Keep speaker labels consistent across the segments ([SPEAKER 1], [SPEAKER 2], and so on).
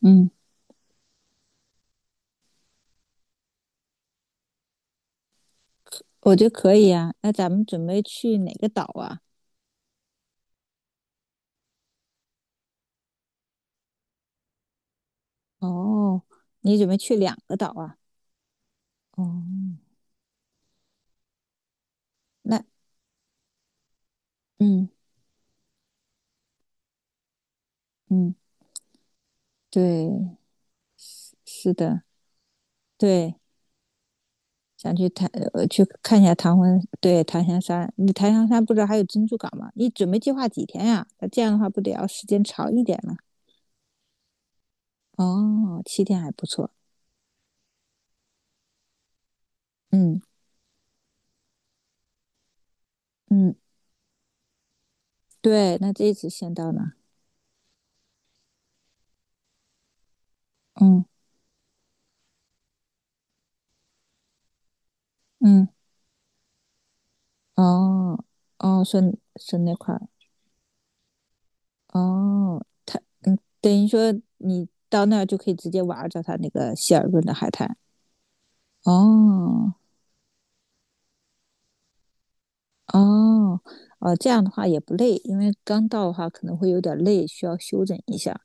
[SPEAKER 1] 嗯，我觉得可以啊。那咱们准备去哪个岛啊？哦，你准备去两个岛啊？哦，那嗯嗯，对，是是的，对，想去檀呃去看一下唐婚，对，檀香山。你檀香山不是还有珍珠港吗？你准备计划几天呀？那这样的话不得要时间长一点吗？哦，7天还不错。嗯嗯，对，那这一次先到哪？嗯嗯，哦哦，顺顺那块哦，等于说你到那儿就可以直接玩儿着它那个希尔顿的海滩。哦哦哦，这样的话也不累，因为刚到的话可能会有点累，需要休整一下。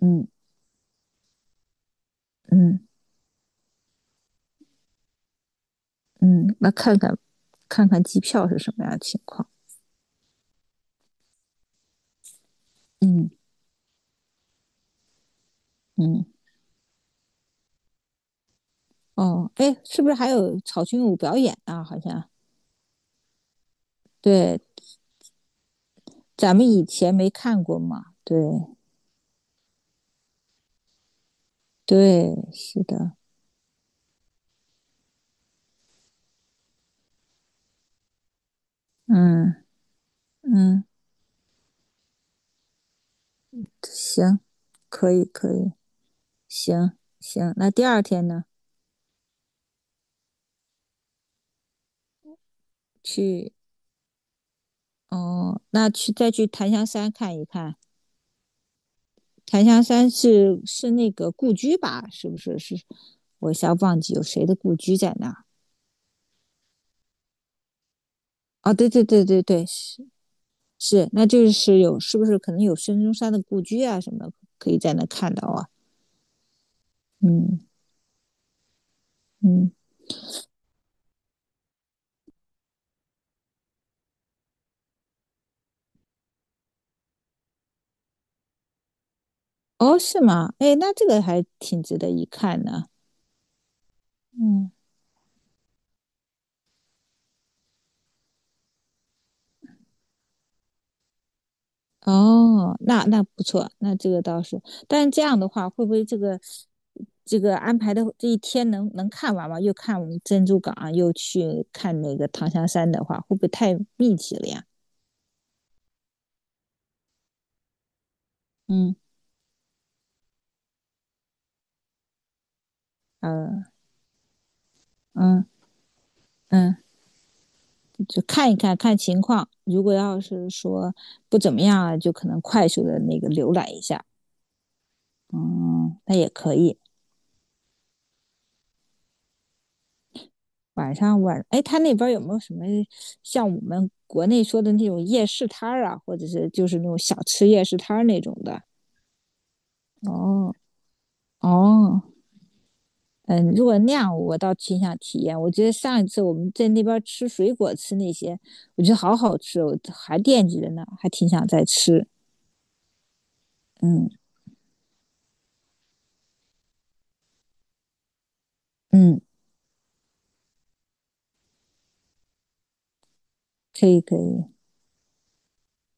[SPEAKER 1] 嗯嗯嗯，那看看机票是什么样的情况。嗯嗯，哦，哎，是不是还有草裙舞表演啊？好像对，咱们以前没看过嘛。对对，是的。嗯嗯，行，可以可以。行行，那第二天呢？去哦，那去再去檀香山看一看。檀香山是那个故居吧？是不是？是，我一下忘记有谁的故居在那儿。哦，对对对对对，是是，那就是有，是不是可能有孙中山的故居啊什么的，可以在那看到啊？嗯嗯，哦，是吗？哎，那这个还挺值得一看的。嗯，哦，那不错，那这个倒是，但是这样的话，会不会这个安排的这一天能看完吗？又看我们珍珠港啊，又去看那个唐香山的话，会不会太密集了呀？嗯，呃，嗯嗯，就看一看看情况，如果要是说不怎么样啊，就可能快速的那个浏览一下，嗯，那也可以。晚上，哎，他那边有没有什么像我们国内说的那种夜市摊儿啊，或者是就是那种小吃夜市摊儿那种的？哦哦，嗯，如果那样，我倒挺想体验。我觉得上一次我们在那边吃水果吃那些，我觉得好好吃哦，我还惦记着呢，还挺想再吃。嗯嗯，可以可以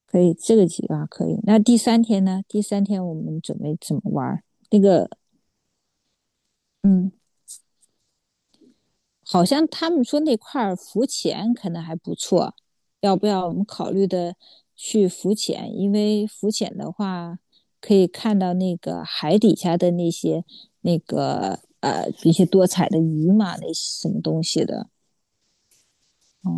[SPEAKER 1] 可以，这个计划可以。那第三天呢？第三天我们准备怎么玩儿？那个，嗯。好像他们说那块浮潜可能还不错，要不要我们考虑的去浮潜？因为浮潜的话，可以看到那个海底下的那些一些多彩的鱼嘛，那些什么东西的。哦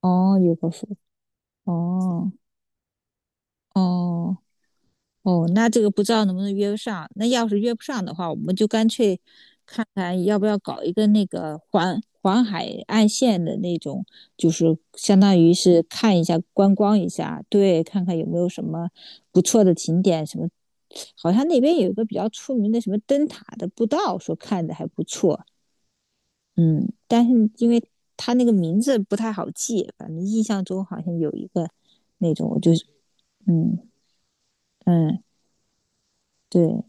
[SPEAKER 1] 哦，有个浮哦哦哦，那这个不知道能不能约上。那要是约不上的话，我们就干脆看看要不要搞一个那个环海岸线的那种，就是相当于是看一下观光一下，对，看看有没有什么不错的景点，什么好像那边有一个比较出名的什么灯塔的步道，说看着还不错。嗯，但是因为它那个名字不太好记，反正印象中好像有一个那种，我就是嗯嗯对。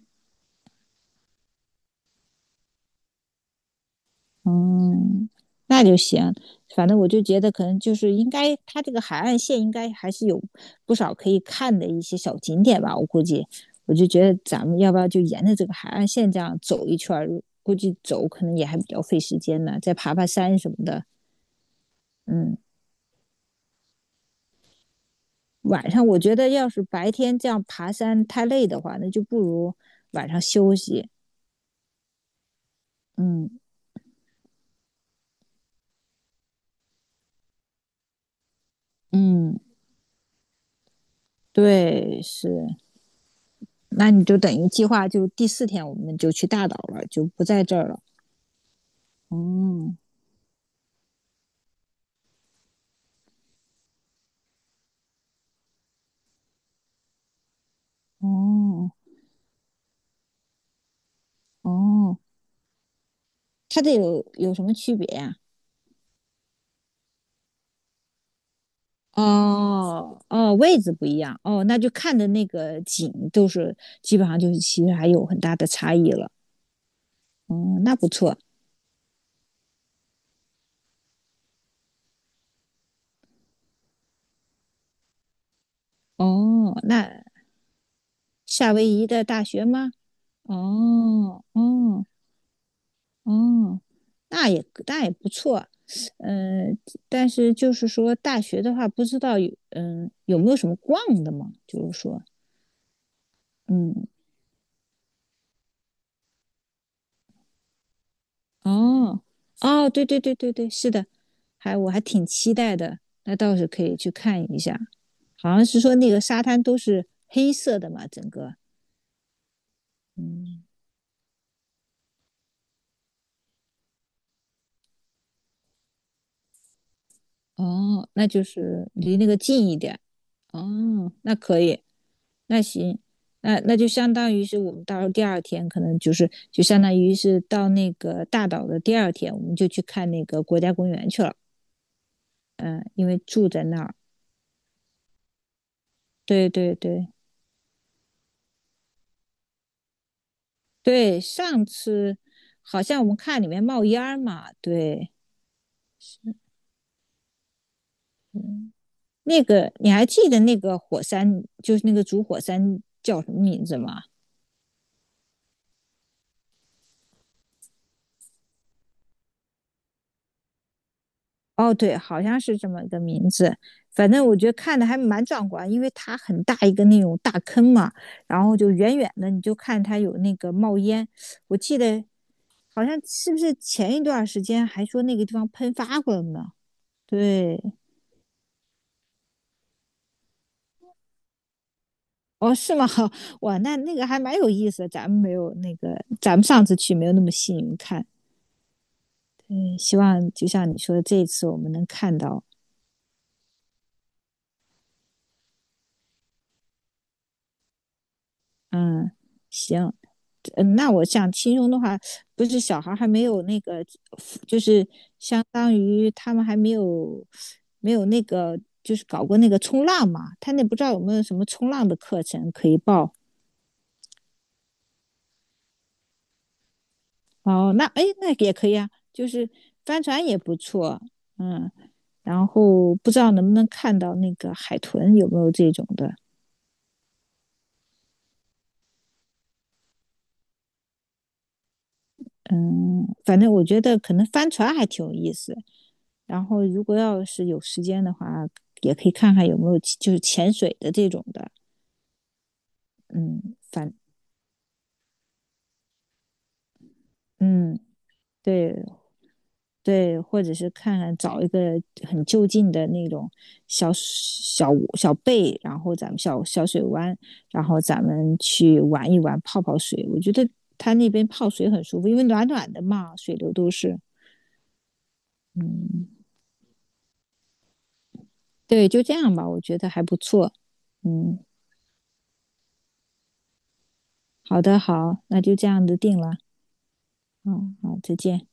[SPEAKER 1] 嗯，那就行。反正我就觉得，可能就是应该，它这个海岸线应该还是有不少可以看的一些小景点吧。我估计，我就觉得咱们要不要就沿着这个海岸线这样走一圈儿？估计走可能也还比较费时间呢，再爬爬山什么的。嗯，晚上我觉得要是白天这样爬山太累的话，那就不如晚上休息。嗯嗯，对，是。那你就等于计划就第四天我们就去大岛了，就不在这儿了。哦哦哦，它这有什么区别呀？哦哦，位置不一样哦，那就看的那个景都是基本上就是其实还有很大的差异了。哦，那不错。哦，那夏威夷的大学吗？哦哦哦，那也不错。嗯，但是就是说大学的话，不知道有没有什么逛的嘛？就是说，嗯哦，哦，对对对对对，是的，我还挺期待的，那倒是可以去看一下。好像是说那个沙滩都是黑色的嘛，整个，嗯，哦，那就是离那个近一点，哦，那可以，那行，那就相当于是我们到时候第二天可能就是就相当于是到那个大岛的第二天，我们就去看那个国家公园去了，嗯，因为住在那儿，对对对。对，上次好像我们看里面冒烟儿嘛，对，嗯那个你还记得那个火山，就是那个主火山叫什么名字吗？哦，对，好像是这么一个名字。反正我觉得看的还蛮壮观，因为它很大一个那种大坑嘛，然后就远远的你就看它有那个冒烟。我记得好像是不是前一段时间还说那个地方喷发过了呢？对，哦，是吗？哇，那个还蛮有意思的，咱们没有那个，咱们上次去没有那么幸运看。嗯，希望就像你说的，这一次我们能看到。嗯，行，嗯，那我想亲兄的话，不是小孩儿还没有那个，就是相当于他们还没有那个，就是搞过那个冲浪嘛。他那不知道有没有什么冲浪的课程可以报。哦，那哎，那也可以啊，就是帆船也不错。嗯。然后不知道能不能看到那个海豚有没有这种的，嗯，反正我觉得可能帆船还挺有意思。然后如果要是有时间的话，也可以看看有没有就是潜水的这种的，嗯，嗯对对，或者是看看找一个很就近的那种小小贝，然后咱们小小水湾，然后咱们去玩一玩泡泡水，我觉得。它那边泡水很舒服，因为暖暖的嘛，水流都是。嗯，对，就这样吧，我觉得还不错。嗯，好的，好，那就这样子定了。嗯，好，再见。